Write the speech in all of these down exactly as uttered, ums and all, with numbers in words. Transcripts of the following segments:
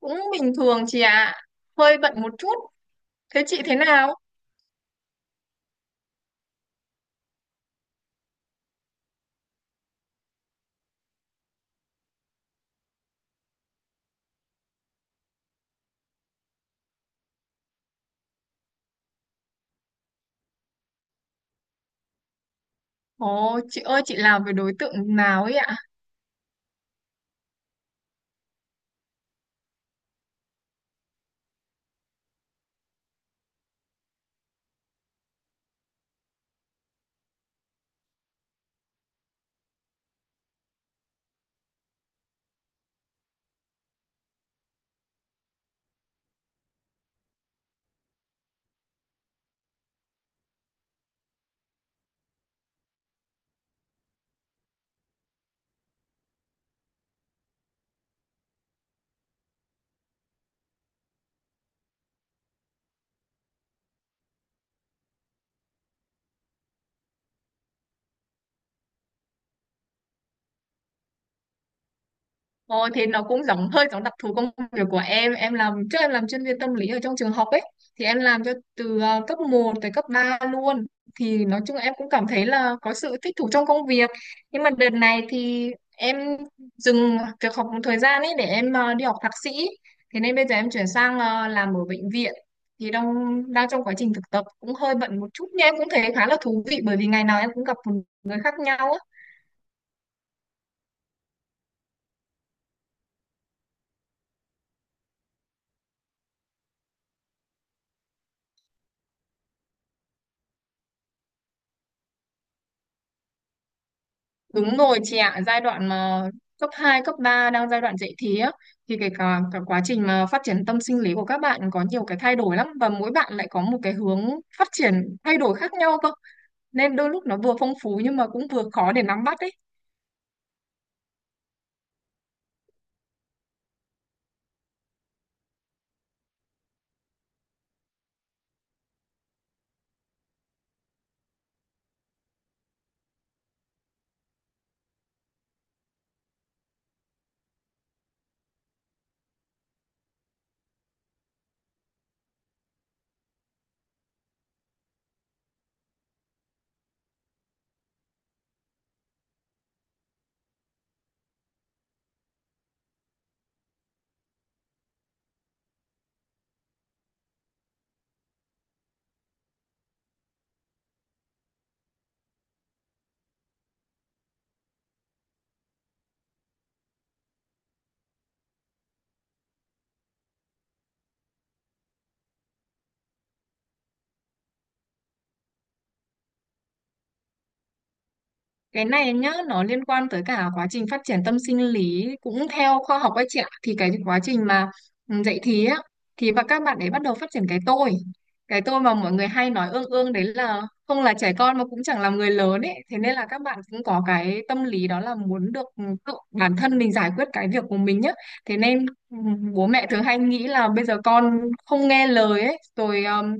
Cũng bình thường chị ạ. Hơi bận một chút. Thế chị thế nào? Ồ chị ơi, chị làm với đối tượng nào ấy ạ? Ồ, thế nó cũng giống, hơi giống đặc thù công việc của em. Em làm trước, em làm chuyên viên tâm lý ở trong trường học ấy, thì em làm cho từ ờ, cấp một tới cấp ba luôn. Thì nói chung em cũng cảm thấy là có sự thích thú trong công việc, nhưng mà đợt này thì em dừng việc học một thời gian ấy để em ờ, đi học thạc sĩ. Thế nên bây giờ em chuyển sang ờ, làm ở bệnh viện, thì đang đang trong quá trình thực tập, cũng hơi bận một chút, nhưng em cũng thấy khá là thú vị bởi vì ngày nào em cũng gặp một người khác nhau á. Đúng rồi chị ạ, giai đoạn mà cấp hai cấp ba đang giai đoạn dậy thì á, thì cái cả, cả quá trình mà phát triển tâm sinh lý của các bạn có nhiều cái thay đổi lắm, và mỗi bạn lại có một cái hướng phát triển thay đổi khác nhau cơ. Nên đôi lúc nó vừa phong phú nhưng mà cũng vừa khó để nắm bắt ấy. Cái này nhá, nó liên quan tới cả quá trình phát triển tâm sinh lý cũng theo khoa học ấy chị ạ, thì cái quá trình mà ừ, dậy thì á, thì và các bạn ấy bắt đầu phát triển cái tôi. Cái tôi mà mọi người hay nói ương ương đấy, là không là trẻ con mà cũng chẳng làm người lớn ấy, thế nên là các bạn cũng có cái tâm lý đó là muốn được, ừ, tự bản thân mình giải quyết cái việc của mình nhá. Thế nên ừ, bố mẹ thường hay nghĩ là bây giờ con không nghe lời ấy, rồi ừm,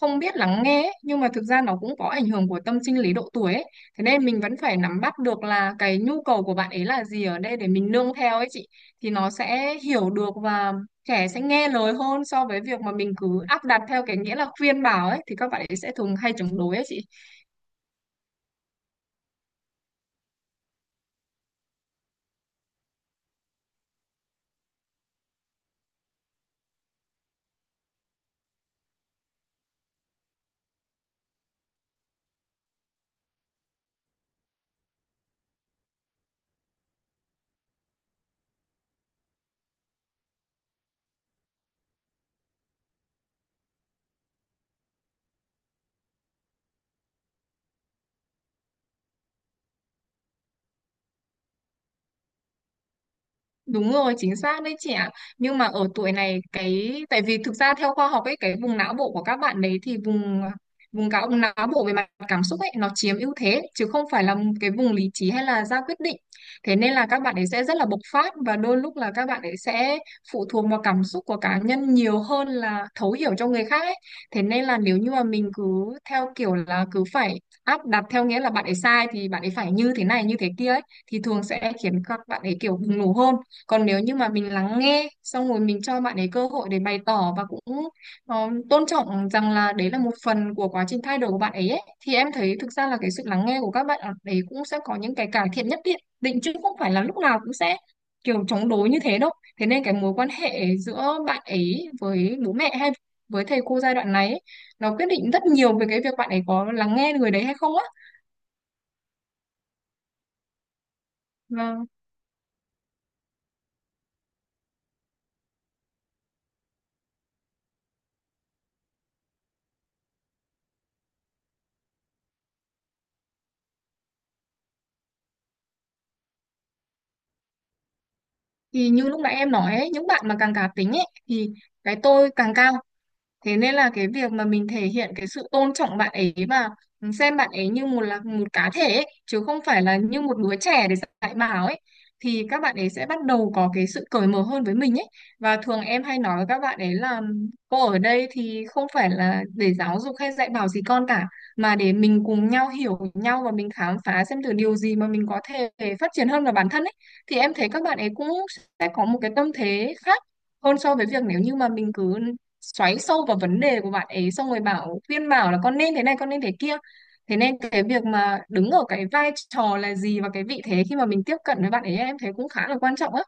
không biết lắng nghe ấy. Nhưng mà thực ra nó cũng có ảnh hưởng của tâm sinh lý độ tuổi ấy, thế nên mình vẫn phải nắm bắt được là cái nhu cầu của bạn ấy là gì ở đây để mình nương theo ấy chị, thì nó sẽ hiểu được, và trẻ sẽ nghe lời hơn so với việc mà mình cứ áp đặt theo cái nghĩa là khuyên bảo ấy, thì các bạn ấy sẽ thường hay chống đối ấy chị. Đúng rồi, chính xác đấy chị ạ. Nhưng mà ở tuổi này cái, tại vì thực ra theo khoa học ấy, cái vùng não bộ của các bạn đấy thì vùng vùng cáo vùng não bộ về mặt cảm xúc ấy nó chiếm ưu thế chứ không phải là cái vùng lý trí hay là ra quyết định. Thế nên là các bạn ấy sẽ rất là bộc phát, và đôi lúc là các bạn ấy sẽ phụ thuộc vào cảm xúc của cá nhân nhiều hơn là thấu hiểu cho người khác ấy. Thế nên là nếu như mà mình cứ theo kiểu là cứ phải áp đặt theo nghĩa là bạn ấy sai thì bạn ấy phải như thế này như thế kia ấy, thì thường sẽ khiến các bạn ấy kiểu bùng nổ hơn. Còn nếu như mà mình lắng nghe xong rồi mình cho bạn ấy cơ hội để bày tỏ, và cũng ờ, tôn trọng rằng là đấy là một phần của quá trình thay đổi của bạn ấy, ấy, thì em thấy thực ra là cái sự lắng nghe của các bạn ấy cũng sẽ có những cái cải thiện nhất định định chứ không phải là lúc nào cũng sẽ kiểu chống đối như thế đâu. Thế nên cái mối quan hệ giữa bạn ấy với bố mẹ hay với thầy cô giai đoạn này ấy, nó quyết định rất nhiều về cái việc bạn ấy có lắng nghe người đấy hay không á. Vâng. Thì như lúc nãy em nói ấy, những bạn mà càng cá tính ấy thì cái tôi càng cao. Thế nên là cái việc mà mình thể hiện cái sự tôn trọng bạn ấy và xem bạn ấy như một, là một cá thể ấy, chứ không phải là như một đứa trẻ để dạy bảo ấy, thì các bạn ấy sẽ bắt đầu có cái sự cởi mở hơn với mình ấy. Và thường em hay nói với các bạn ấy là cô ở đây thì không phải là để giáo dục hay dạy bảo gì con cả, mà để mình cùng nhau hiểu nhau và mình khám phá xem thử điều gì mà mình có thể phát triển hơn vào bản thân ấy, thì em thấy các bạn ấy cũng sẽ có một cái tâm thế khác hơn so với việc nếu như mà mình cứ xoáy sâu vào vấn đề của bạn ấy xong rồi bảo khuyên bảo là con nên thế này con nên thế kia. Thế nên cái việc mà đứng ở cái vai trò là gì và cái vị thế khi mà mình tiếp cận với bạn ấy, em thấy cũng khá là quan trọng á.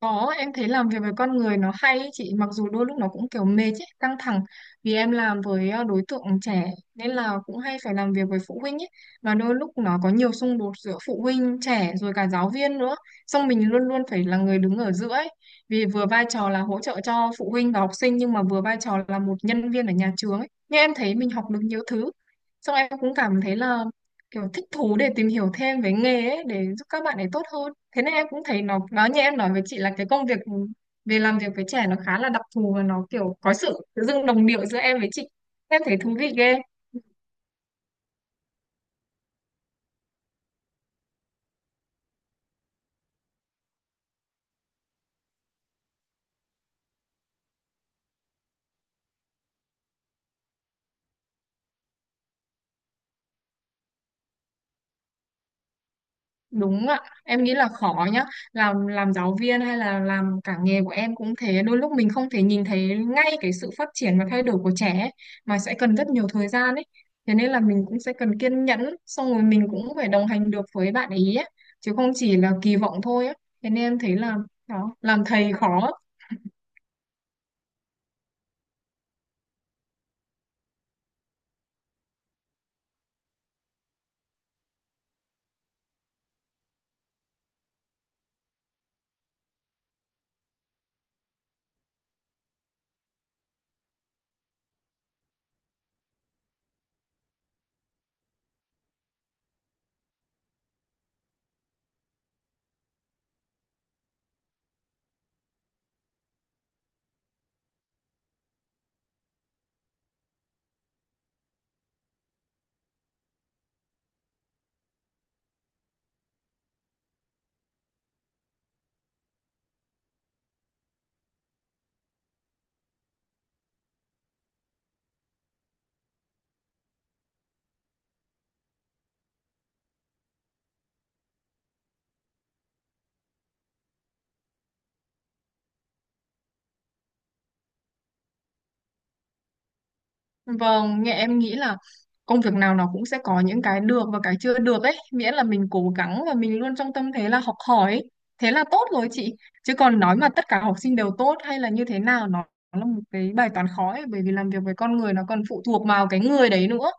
Có, em thấy làm việc với con người nó hay ý chị, mặc dù đôi lúc nó cũng kiểu mệt ấy, căng thẳng, vì em làm với ờ, đối tượng trẻ, nên là cũng hay phải làm việc với phụ huynh ấy, và đôi lúc nó có nhiều xung đột giữa phụ huynh, trẻ rồi cả giáo viên nữa. Xong mình luôn luôn phải là người đứng ở giữa ấy, vì vừa vai trò là hỗ trợ cho phụ huynh và học sinh nhưng mà vừa vai trò là một nhân viên ở nhà trường ấy. Nhưng em thấy mình học được nhiều thứ. Xong em cũng cảm thấy là kiểu thích thú để tìm hiểu thêm về nghề ấy để giúp các bạn ấy tốt hơn. Thế nên em cũng thấy nó nó như em nói với chị là cái công việc về làm việc với trẻ nó khá là đặc thù, và nó kiểu có sự tự dưng đồng điệu giữa em với chị, em thấy thú vị ghê. Đúng ạ, em nghĩ là khó nhá. Làm làm giáo viên hay là làm cả nghề của em cũng thế, đôi lúc mình không thể nhìn thấy ngay cái sự phát triển và thay đổi của trẻ ấy, mà sẽ cần rất nhiều thời gian ấy. Thế nên là mình cũng sẽ cần kiên nhẫn, xong rồi mình cũng phải đồng hành được với bạn ý ấy, chứ không chỉ là kỳ vọng thôi ấy. Thế nên em thấy là đó, làm thầy khó. Vâng, nghe em nghĩ là công việc nào nó cũng sẽ có những cái được và cái chưa được ấy, miễn là mình cố gắng và mình luôn trong tâm thế là học hỏi ấy. Thế là tốt rồi chị. Chứ còn nói mà tất cả học sinh đều tốt hay là như thế nào, nó nó là một cái bài toán khó ấy, bởi vì làm việc với con người nó còn phụ thuộc vào cái người đấy nữa.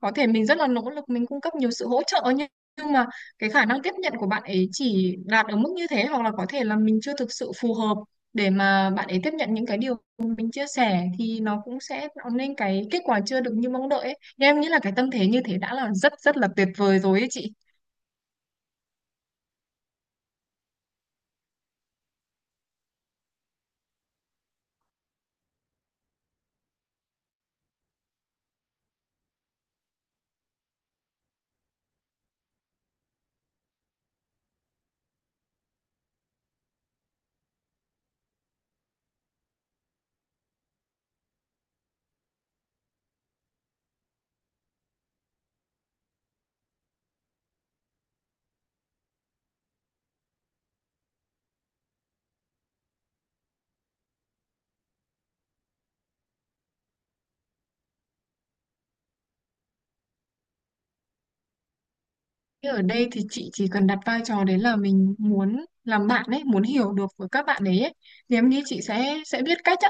Có thể mình rất là nỗ lực, mình cung cấp nhiều sự hỗ trợ nhưng nhưng mà cái khả năng tiếp nhận của bạn ấy chỉ đạt ở mức như thế, hoặc là có thể là mình chưa thực sự phù hợp để mà bạn ấy tiếp nhận những cái điều mình chia sẻ, thì nó cũng sẽ tạo nên cái kết quả chưa được như mong đợi ấy. Nhưng em nghĩ là cái tâm thế như thế đã là rất rất là tuyệt vời rồi ấy chị. Thế ở đây thì chị chỉ cần đặt vai trò đấy là mình muốn làm bạn ấy, muốn hiểu được với các bạn ấy, ấy. Thì em nghĩ chị sẽ sẽ biết cách á.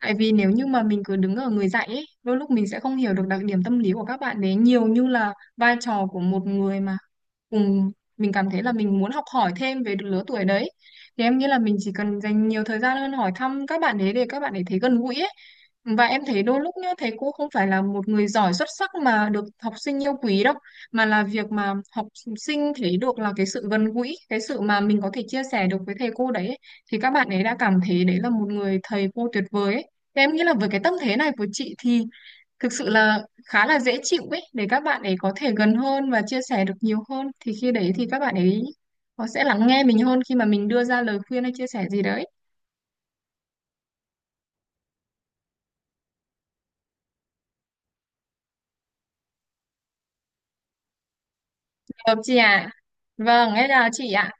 Tại vì nếu như mà mình cứ đứng ở người dạy ấy, đôi lúc mình sẽ không hiểu được đặc điểm tâm lý của các bạn đấy nhiều như là vai trò của một người mà cùng mình cảm thấy là mình muốn học hỏi thêm về lứa tuổi đấy. Thì em nghĩ là mình chỉ cần dành nhiều thời gian hơn hỏi thăm các bạn ấy để các bạn ấy thấy gần gũi ấy. Và em thấy đôi lúc nhá, thầy cô không phải là một người giỏi xuất sắc mà được học sinh yêu quý đâu, mà là việc mà học sinh thấy được là cái sự gần gũi, cái sự mà mình có thể chia sẻ được với thầy cô đấy ấy, thì các bạn ấy đã cảm thấy đấy là một người thầy cô tuyệt vời ấy. Thế em nghĩ là với cái tâm thế này của chị thì thực sự là khá là dễ chịu ấy để các bạn ấy có thể gần hơn và chia sẻ được nhiều hơn, thì khi đấy thì các bạn ấy họ sẽ lắng nghe mình hơn khi mà mình đưa ra lời khuyên hay chia sẻ gì đấy. Được chị ạ? Vâng, em chào chị ạ.